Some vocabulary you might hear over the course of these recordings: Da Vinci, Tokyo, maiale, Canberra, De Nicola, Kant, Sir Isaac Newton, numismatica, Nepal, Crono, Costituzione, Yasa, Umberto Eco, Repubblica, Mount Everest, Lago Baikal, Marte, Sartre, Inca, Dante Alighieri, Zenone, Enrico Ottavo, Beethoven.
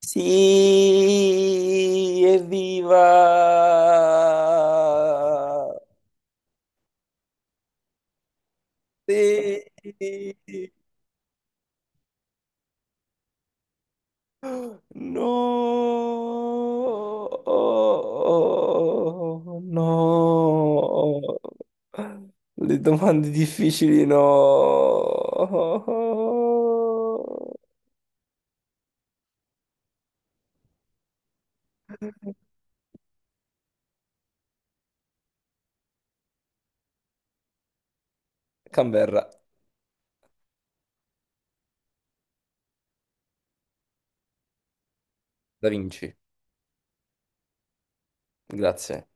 Sì, evviva! Sì, no, no, le domande difficili, no. Canberra. Da Vinci. Grazie.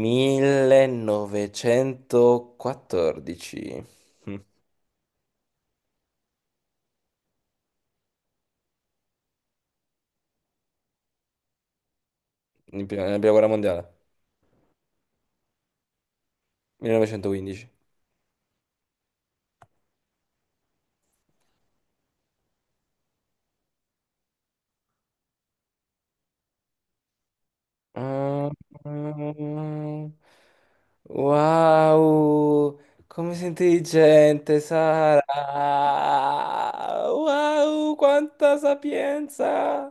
1914. Mm, nella prima guerra mondiale. 1915. Ah, ah, wow, come sei intelligente, Sara! Wow, quanta sapienza!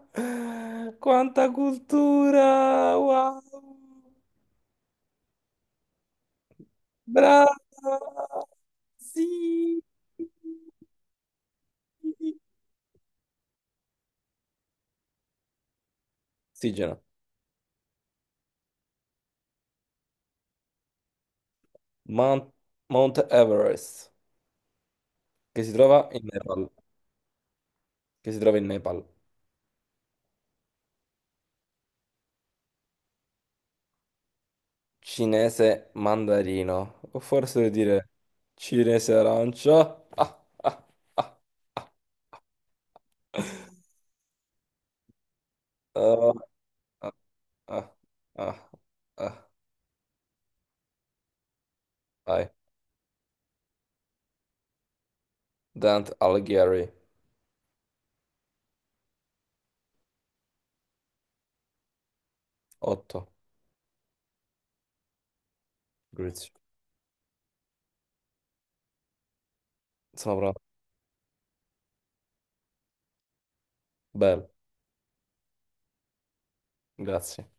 Quanta cultura! Wow! Brava! Sì! Ossigeno. Mount, Mount Everest, che si trova in Nepal, che si trova in Nepal. Cinese mandarino, o forse devo dire Cinese arancia. Ah, ah, ah. Ah, ah, ah, ah, ah. Vai. Dante Alighieri. otto. Grazie. Sono pronto. Bello. Grazie.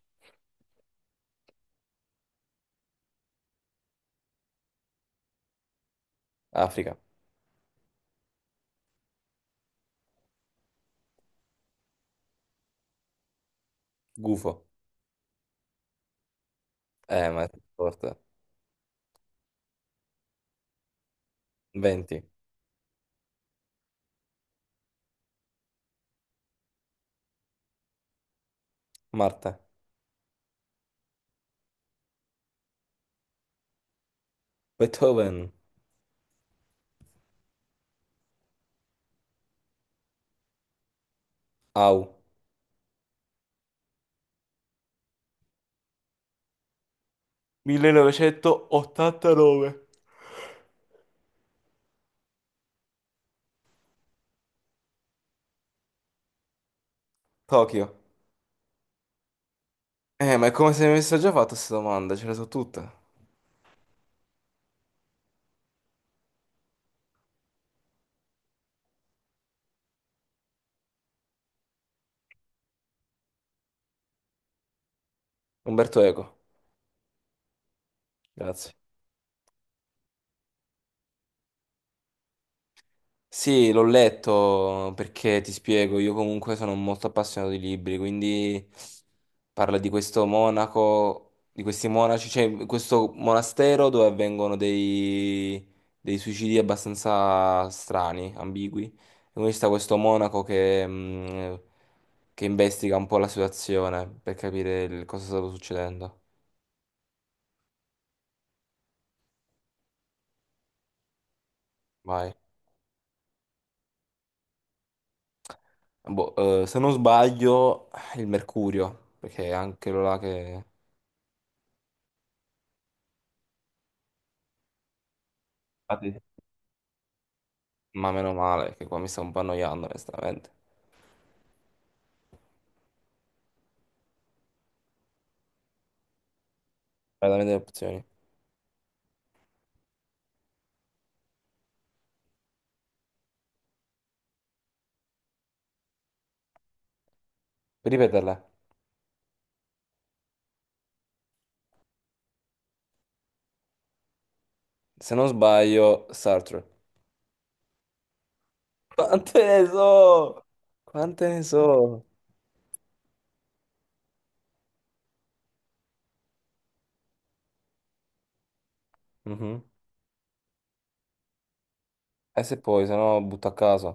Africa. Gufo. Ma è forte. 20. Marte. Beethoven. Au. 1989. Tokyo. Ma è come se mi avesse già fatto queste domande, ce le so tutte. Umberto Eco. Grazie. Sì, l'ho letto, perché ti spiego, io comunque sono molto appassionato di libri, quindi parla di questo monaco, di questi monaci, cioè questo monastero dove avvengono dei suicidi abbastanza strani, ambigui. E quindi sta questo monaco che investiga un po' la situazione per capire cosa stava succedendo. Vai. Boh, se non sbaglio, il mercurio, perché è anche quello là che. Ma meno male, che qua mi sto un po' annoiando, onestamente. Veramente le opzioni. Puoi ripeterla. Se non sbaglio, Sartre. Quante ne so? Quante ne so? Mhm. E se poi, se no, butto a caso.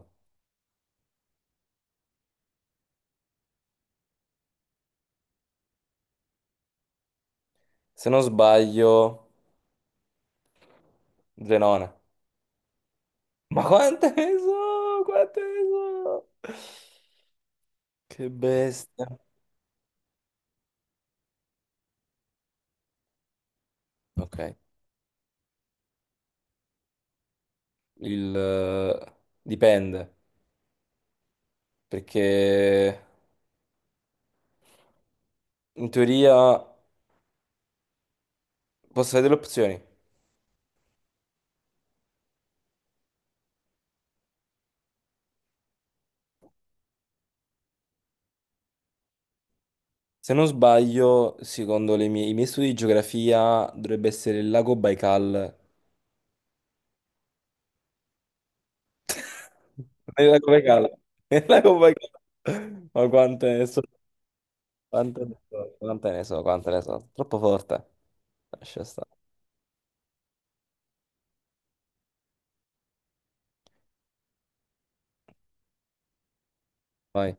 Se non sbaglio, Zenone. Ma quante ne so? Quante ne so? Che bestia. Ok. Il... eh, Dipende. Perché in teoria posso vedere le opzioni. Se non sbaglio, secondo i miei studi di geografia, dovrebbe essere il lago Baikal. Non è il lago Baikal, è il lago Baikal. Ma quante ne so, quante ne so, quante ne so, quante ne so. Troppo forte. Lascia stare. Vai.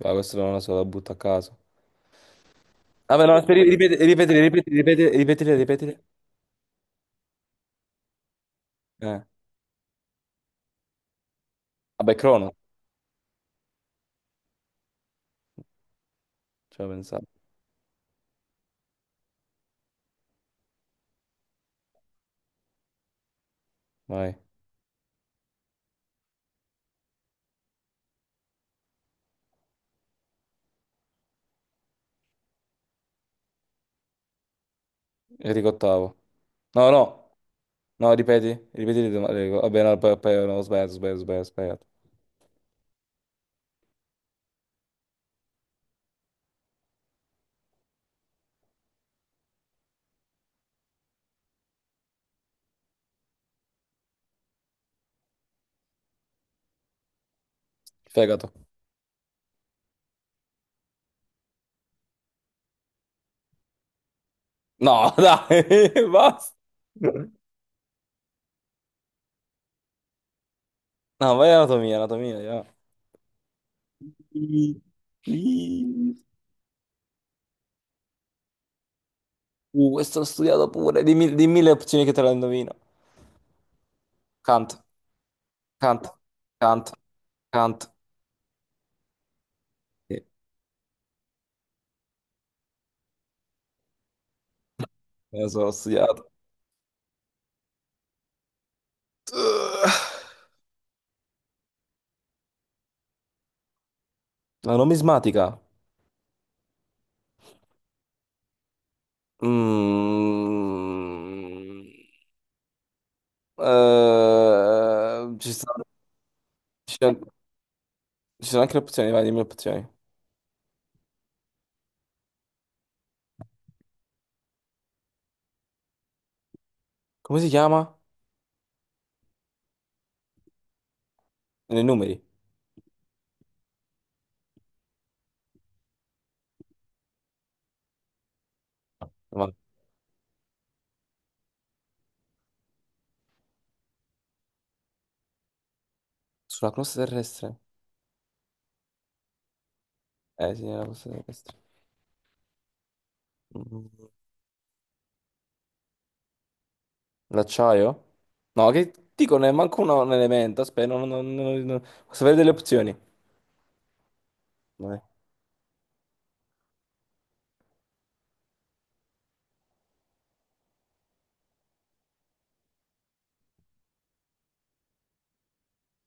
Va, questo non lo so, lo butto a caso. Vabbè, no, aspetta, ripeti, ripeti, ripeti, ripeti, ripeti, ripeti. Eh. Vabbè, Crono, ce l'ho pensato. Vai. Enrico ottavo. No, no, no, ripeti, ripeti, le domande. Vabbè, no, poi, poi, no, sbaglio, sbaglio, sbaglio, sbaglio. Fegato. No, dai, basta. No, vai anatomia, anatomia, ja. Please. Questo l'ho studiato pure. Dimmi, dimmi le opzioni, che te la indovino. Kant, Kant, Kant, Kant. Sì, me lo sono studiato. La numismatica. Mm. Eh, ci sono, ci sono- ci sono anche le opzioni, vai, dimmi le opzioni. Come si chiama? Nei numeri. Vai. Sulla crosta terrestre. Eh sì, era posta terrestre. Mm. L'acciaio? No, che dico, ne manco un elemento. Aspetta, non, non, non- non- posso avere delle opzioni? Vai.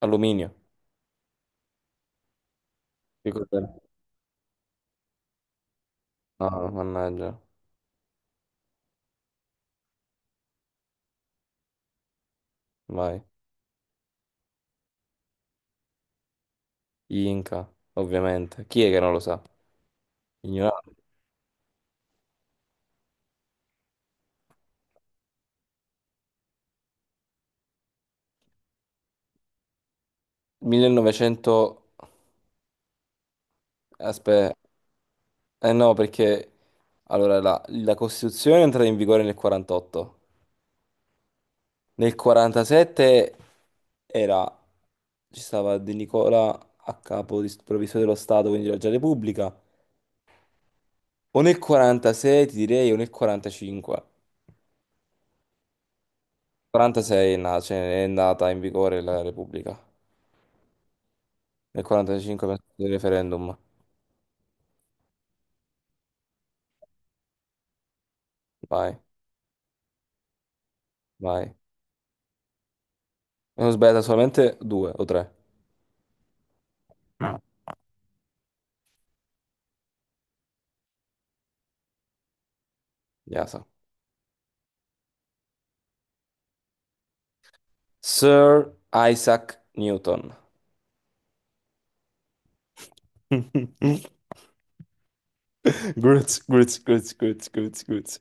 Alluminio. Che cos'è? No, no, mannaggia. Vai. Gli Inca, ovviamente. Chi è che non lo sa? Ignorante. 1900. Aspetta. Eh no, perché. Allora, la Costituzione è entrata in vigore nel 48. Nel 47 era, ci stava De Nicola a capo provvisorio dello Stato, quindi era già Repubblica. O nel 46 ti direi, o nel 45. 46 è nata, cioè, è nata in vigore la Repubblica. Nel 45 penso del referendum. Vai, vai. Ne ho sbagliato solamente due o tre. Ah, Yasa. Sir Isaac Newton. Gruz, gruz, gruz, gruz, gruz, gruz.